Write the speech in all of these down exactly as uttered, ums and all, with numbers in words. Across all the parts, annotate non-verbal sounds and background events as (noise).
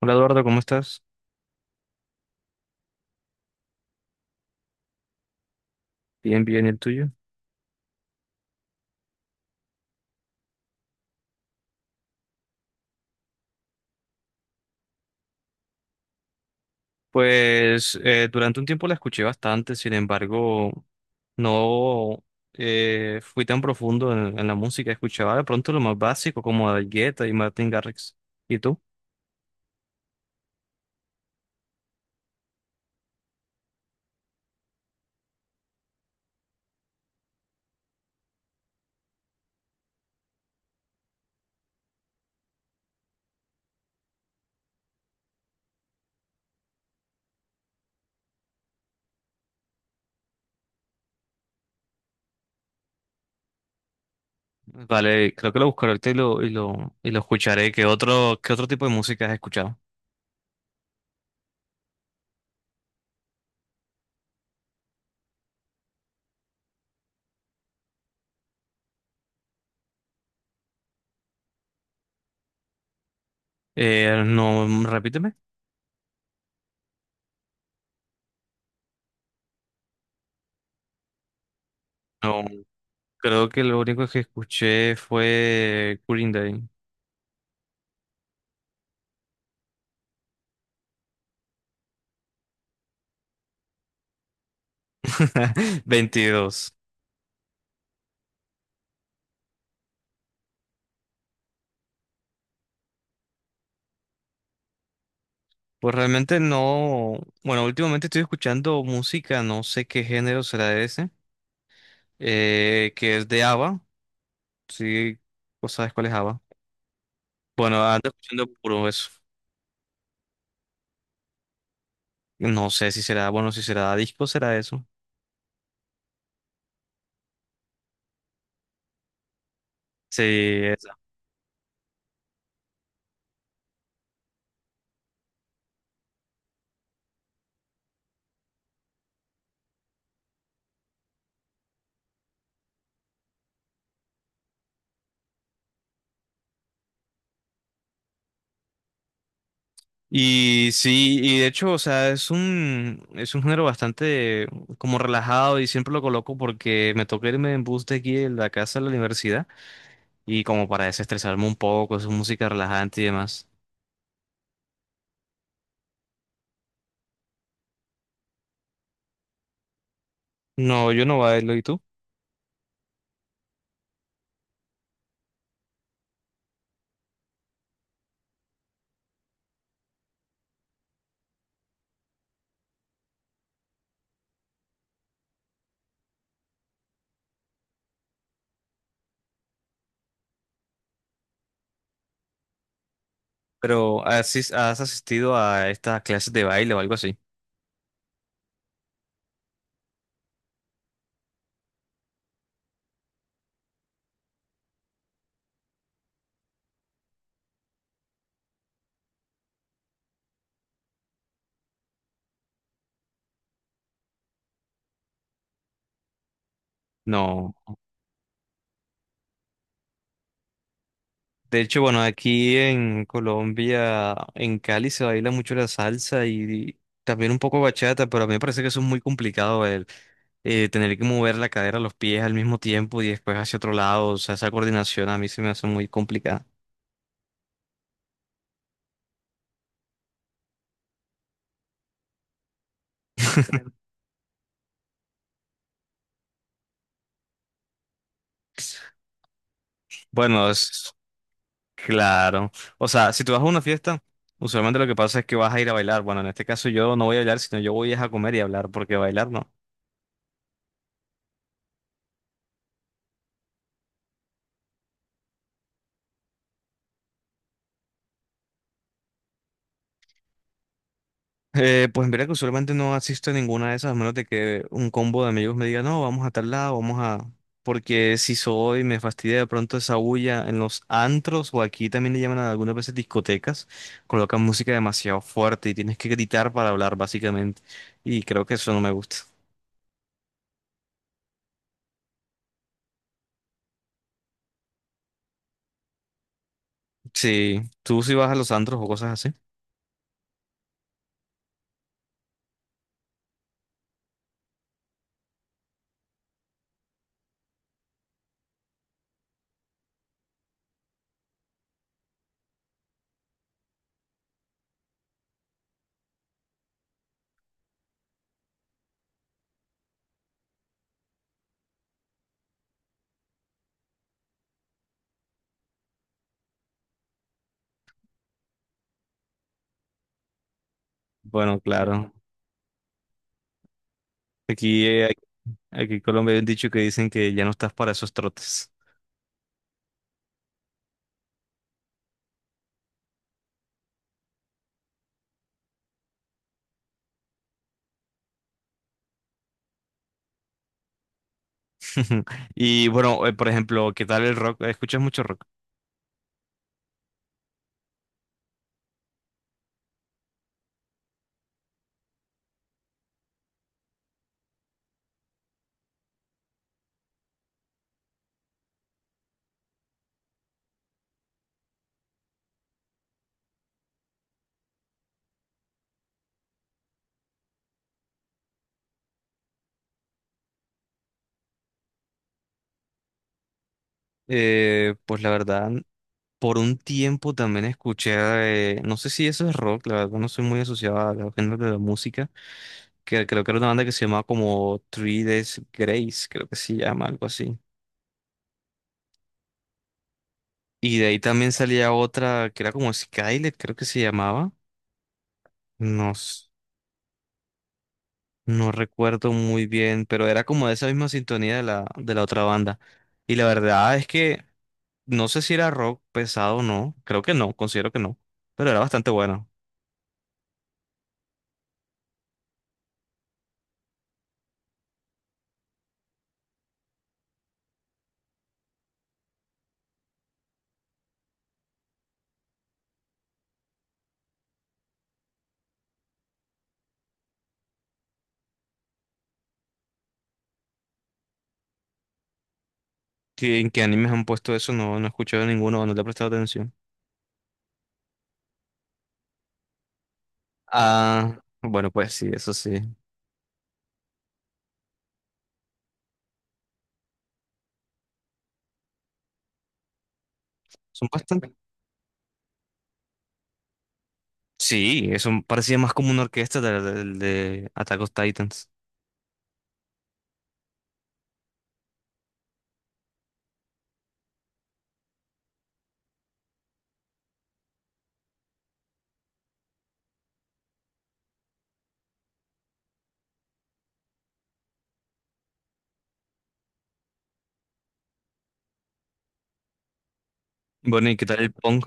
Hola Eduardo, ¿cómo estás? Bien, bien, ¿y el tuyo? Pues eh, durante un tiempo la escuché bastante, sin embargo, no eh, fui tan profundo en, en la música. Escuchaba de pronto lo más básico, como David Guetta y Martin Garrix. ¿Y tú? Vale, creo que lo buscaré ahorita y lo, y lo, y lo escucharé. ¿Qué otro, qué otro tipo de música has escuchado? Eh, no, repíteme. No, creo que lo único que escuché fue Green Day. (laughs) veintidós. Pues realmente no, bueno, últimamente estoy escuchando música, no sé qué género será ese, eh, que es de ABBA, sí, ¿vos sabes cuál es ABBA? Bueno, ando escuchando puro eso, no sé si será, bueno, si será disco, será eso, sí, esa. Y sí, y de hecho, o sea, es un, es un género bastante como relajado y siempre lo coloco porque me toca irme en bus de aquí de la casa a la universidad y como para desestresarme un poco, es música relajante y demás. No, yo no bailo, ¿y tú? Pero ¿asis- ¿has asistido a estas clases de baile o algo así? No. De hecho, bueno, aquí en Colombia, en Cali se baila mucho la salsa y también un poco bachata, pero a mí me parece que eso es muy complicado el eh, tener que mover la cadera, los pies al mismo tiempo y después hacia otro lado. O sea, esa coordinación a mí se me hace muy complicada. Bueno, es claro. O sea, si tú vas a una fiesta, usualmente lo que pasa es que vas a ir a bailar. Bueno, en este caso yo no voy a bailar, sino yo voy es a comer y a hablar, porque bailar no. Eh, pues mira que usualmente no asisto a ninguna de esas, a menos de que un combo de amigos me diga, no, vamos a tal lado, vamos a... Porque si soy, me fastidia de pronto esa bulla en los antros, o aquí también le llaman a algunas veces discotecas, colocan música demasiado fuerte y tienes que gritar para hablar, básicamente. Y creo que eso no me gusta. Sí, tú si vas a los antros o cosas así. Bueno, claro. Aquí, eh, Aquí en Colombia hay un dicho que dicen que ya no estás para esos trotes. (laughs) Y bueno, eh, por ejemplo, ¿qué tal el rock? ¿Escuchas mucho rock? Eh, pues la verdad, por un tiempo también escuché, eh, no sé si eso es rock, la verdad no soy muy asociado a los géneros de la música, que creo que era una banda que se llamaba como Three Days Grace, creo que se llama, algo así. Y de ahí también salía otra que era como Skylet, creo que se llamaba, no, s- no recuerdo muy bien, pero era como de esa misma sintonía de la, de la otra banda. Y la verdad es que no sé si era rock pesado o no, creo que no, considero que no, pero era bastante bueno. que- ¿en qué animes han puesto eso? No, no he escuchado ninguno, no le he prestado atención. Ah, bueno, pues sí, eso sí. Son bastante. Sí, eso parecía más como una orquesta del de, de Attack on Titans. Bueno, ¿y qué tal el punk?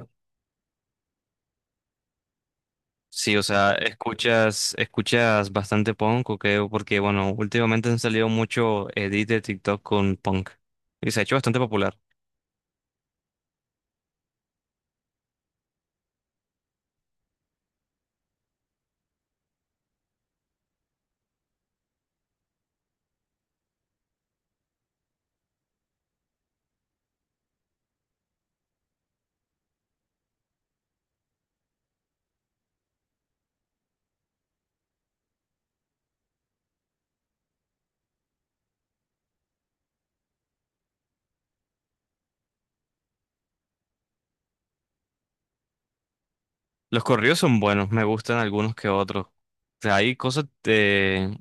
Sí, o sea, escuchas, escuchas bastante punk, ¿o qué? Porque, bueno, últimamente han salido mucho edits de TikTok con punk. Y se ha hecho bastante popular. Los corridos son buenos, me gustan algunos que otros. O sea, hay cosas de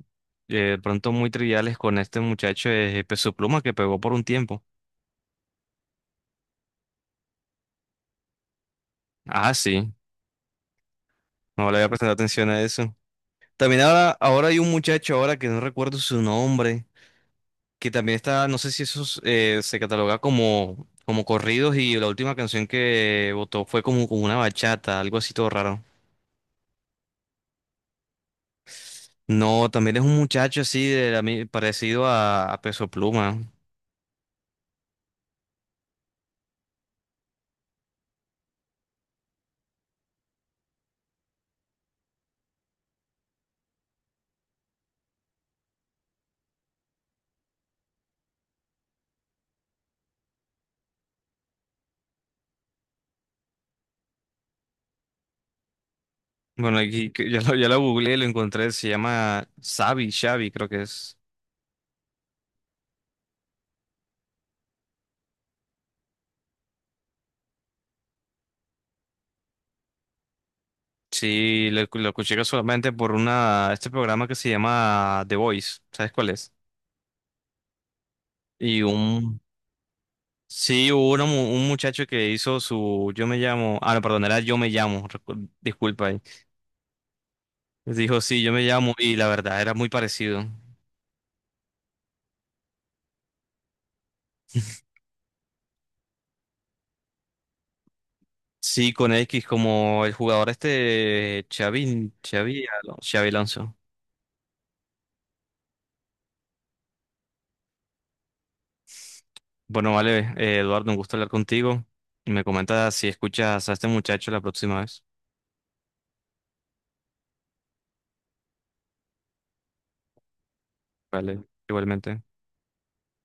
de pronto muy triviales con este muchacho de Peso Pluma que pegó por un tiempo. Ah, sí, no le había prestado atención a eso. También ahora, ahora hay un muchacho ahora que no recuerdo su nombre, que también está, no sé si eso es, eh, se cataloga como, como corridos y la última canción que votó fue como, como una bachata, algo así todo raro. No, también es un muchacho así de la mi- parecido a, a Peso Pluma. Bueno, aquí que ya lo, ya lo googleé, lo encontré, se llama Xavi, Xavi, creo que es. Sí, lo, lo escuché solamente por una, este programa que se llama The Voice, ¿sabes cuál es? Y un, sí, hubo una mu- un muchacho que hizo su, yo me llamo, ah, no, perdón, era yo me llamo, recu- disculpa ahí. Dijo, sí, yo me llamo, y la verdad, era muy parecido. (laughs) Sí, con X, como el jugador este, Xavi, Xavi, Alon- Xavi Alonso. Bueno, vale, eh, Eduardo, un gusto hablar contigo. Me comentas si escuchas a este muchacho la próxima vez. Vale, igualmente.